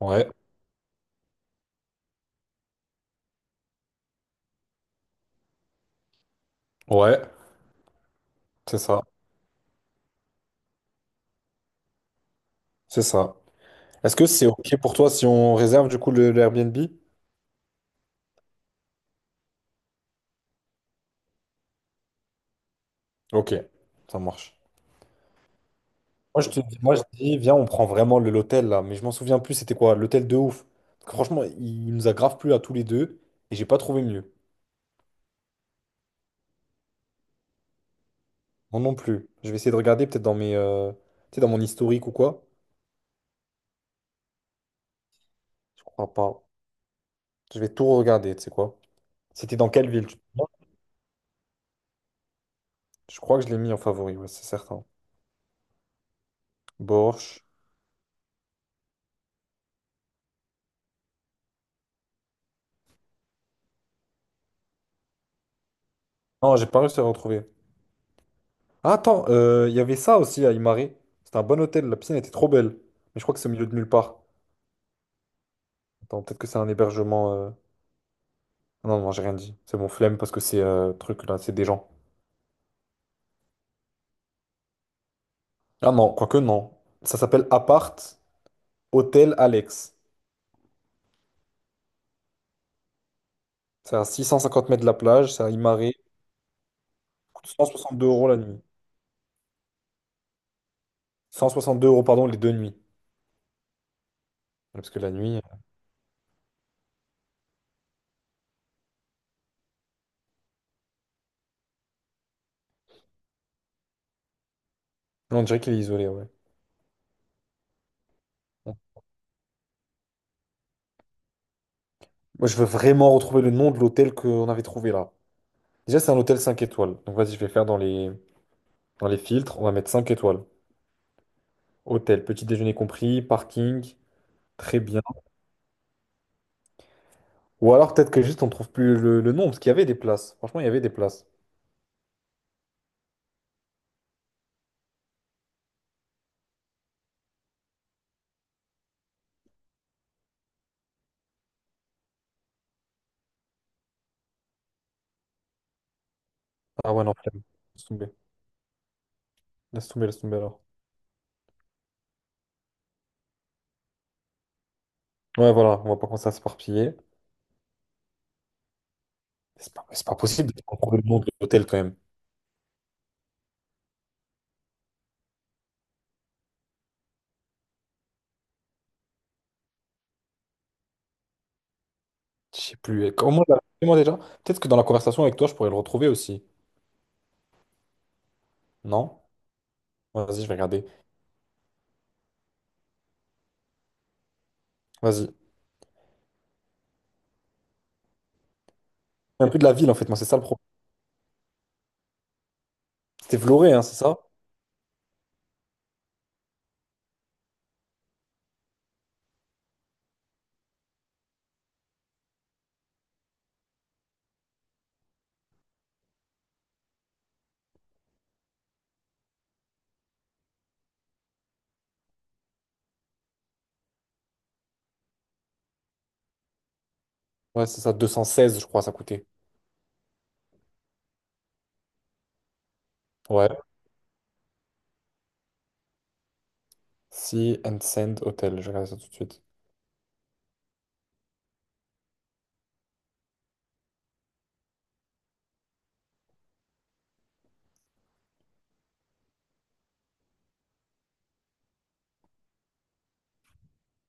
Ouais, ouais, c'est ça, c'est ça. Est-ce que c'est OK pour toi si on réserve du coup le Airbnb? OK, ça marche. Moi je te dis, moi je dis, viens, on prend vraiment l'hôtel là, mais je m'en souviens plus, c'était quoi? L'hôtel de ouf. Parce que franchement, il nous a grave plu à tous les deux et j'ai pas trouvé mieux. Moi non plus. Je vais essayer de regarder peut-être dans mes, tu sais, dans mon historique ou quoi. Je crois pas. Je vais tout regarder, tu sais quoi. C'était dans quelle ville? Tu te souviens. Je crois que je l'ai mis en favori, ouais, c'est certain. Borch. Non, j'ai pas réussi à retrouver. Ah, attends, il y avait ça aussi à Imare. C'était un bon hôtel, la piscine était trop belle. Mais je crois que c'est au milieu de nulle part. Attends, peut-être que c'est un hébergement. Ah non, non, j'ai rien dit. C'est mon flemme parce que c'est truc là, c'est des gens. Ah non, quoique non. Ça s'appelle Appart Hôtel Alex. C'est à 650 mètres de la plage, c'est à Imare. Coûte 162 € la nuit. 162 euros, pardon, les deux nuits. Parce que la nuit. Non, on dirait qu'il est isolé, ouais. Bon. Moi, je veux vraiment retrouver le nom de l'hôtel qu'on avait trouvé là. Déjà, c'est un hôtel 5 étoiles. Donc vas-y, je vais faire dans les. Dans les filtres, on va mettre 5 étoiles. Hôtel, petit déjeuner compris, parking, très bien. Ou alors peut-être que juste on trouve plus le nom, parce qu'il y avait des places. Franchement, il y avait des places. Ah ouais, non, flemme. Laisse tomber. Laisse tomber, laisse tomber alors. Ouais, voilà, on va pas commencer à s'éparpiller. C'est pas possible de trouver le nom de l'hôtel quand même. Je sais plus. Comment déjà? Peut-être que dans la conversation avec toi, je pourrais le retrouver aussi. Non? Ouais, vas-y, je vais regarder. Vas-y. Un peu de la ville en fait, moi, c'est ça le problème. C'était Vloré, hein, c'est ça? Ouais, c'est ça, 216, je crois, ça coûtait. Ouais. Sea and Sand Hotel, je regarde ça tout de suite.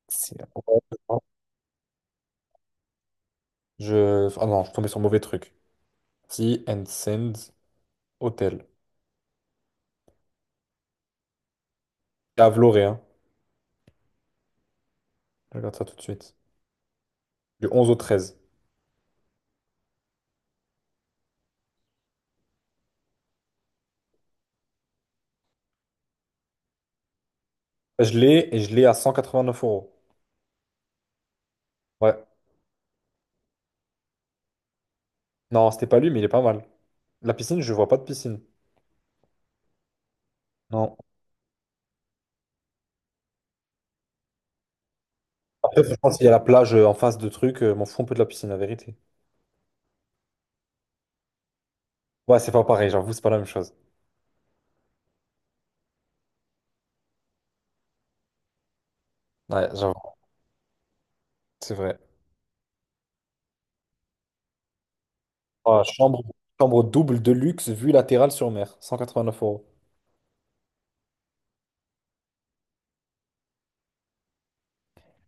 C'est- Ah non, je suis tombé sur le mauvais truc. Sea and Sands Hotel. C'est à Vloré, hein. Je regarde ça tout de suite. Du 11 au 13. Je l'ai et je l'ai à 189 euros. Ouais. Non, c'était pas lui, mais il est pas mal. La piscine, je vois pas de piscine. Non. Après, franchement, s'il y a la plage en face de trucs, m'en fous un peu de la piscine, la vérité. Ouais, c'est pas pareil, j'avoue, c'est pas la même chose. Ouais, j'avoue, c'est vrai. Ah, chambre double de luxe, vue latérale sur mer, 189 euros.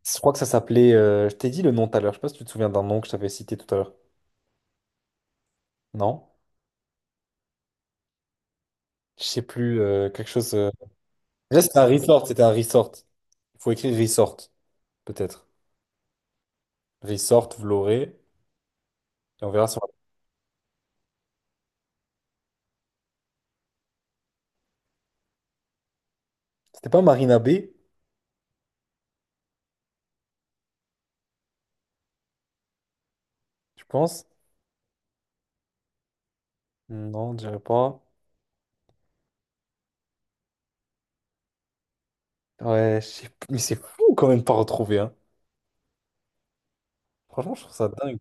Je crois que ça s'appelait, je t'ai dit le nom tout à l'heure, je sais pas si tu te souviens d'un nom que je t'avais cité tout à l'heure. Non? Je sais plus, quelque chose. Déjà, c'était un resort, c'était un resort. Il faut écrire resort, peut-être. Resort, vous l'aurez. Et on verra sur. C'était pas Marina Bay, je pense. Non, je dirais pas. Ouais, je sais plus. Mais c'est fou quand même de pas retrouver, hein. Franchement, je trouve ça dingue.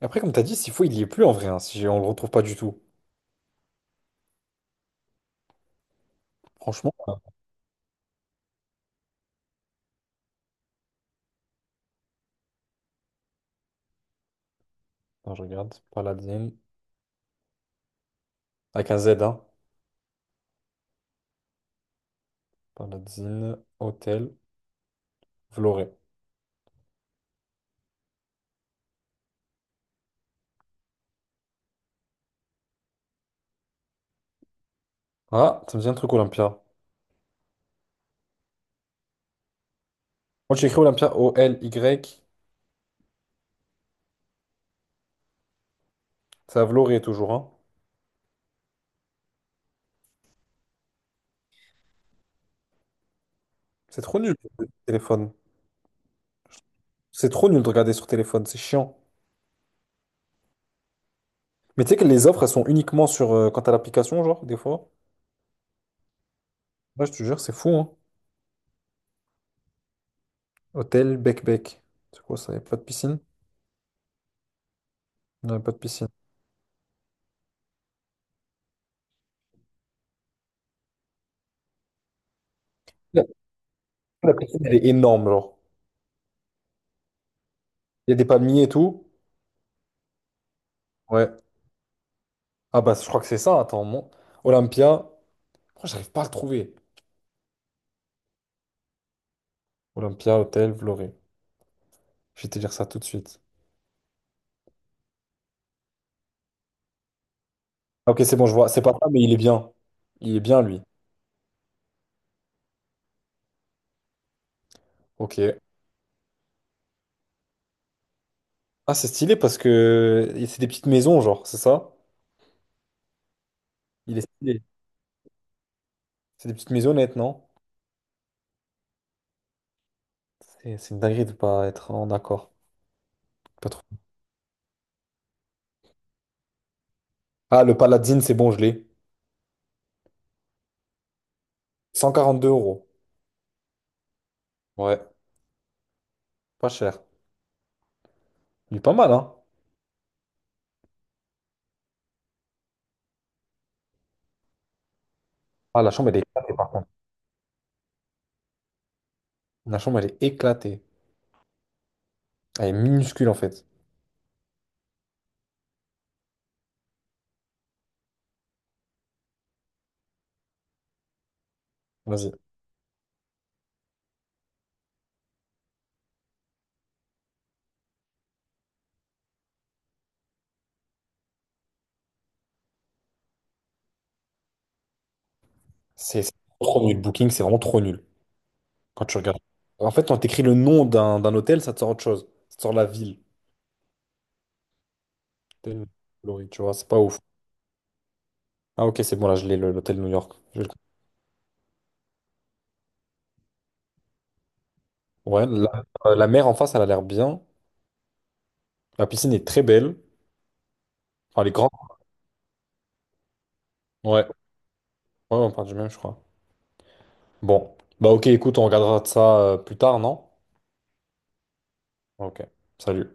Après, comme t'as dit, s'il faut, il y est plus en vrai, hein, si on le retrouve pas du tout. Franchement, hein. Attends, je regarde. Paladine. Avec un Z, hein. Paladine, hôtel, vous. Ah, ça me dit un truc Olympia. Moi, j'ai écrit Olympia, O-L-Y. Ça, vous toujours, hein. C'est trop nul le téléphone. C'est trop nul de regarder sur téléphone, c'est chiant. Mais tu sais que les offres, elles sont uniquement sur quand t'as l'application, genre, des fois. Ouais, je te jure, c'est fou, hein. Hôtel Bec Bec. C'est quoi ça? Y a pas de piscine? Non, y a pas de piscine. La, la piscine, elle est énorme, genre. Il y a des palmiers et tout. Ouais. Ah bah, je crois que c'est ça, attends. Olympia. Oh, j'arrive pas à le trouver. Olympia, hôtel, Vloré. Je vais te dire ça tout de suite. Ah, ok, c'est bon, je vois. C'est pas ça, mais il est bien. Il est bien, lui. Ok. Ah, c'est stylé parce que c'est des petites maisons, genre, c'est ça? Il est stylé. C'est des petites maisonnettes, non? C'est une dinguerie de pas être en accord. Pas trop. Ah, le Paladine, c'est bon, je l'ai. 142 euros. Ouais, pas cher. Il est pas mal, hein? Ah, la chambre, elle est éclatée, par contre. La chambre, elle est éclatée. Elle est minuscule, en fait. Vas-y. C'est trop nul. Booking, c'est vraiment trop nul. Quand tu regardes. En fait, quand t'écris le nom d'un hôtel, ça te sort autre chose. Ça te sort la ville. Hôtel Glory, tu vois, c'est pas ouf. Ah, ok, c'est bon, là, je l'ai, l'hôtel New York. Je vais Ouais, la mer en face, elle a l'air bien. La piscine est très belle. Enfin, elle est grande. Ouais, ouais, on part du même, je crois. Bon, bah ok, écoute, on regardera de ça plus tard, non? Ok, salut.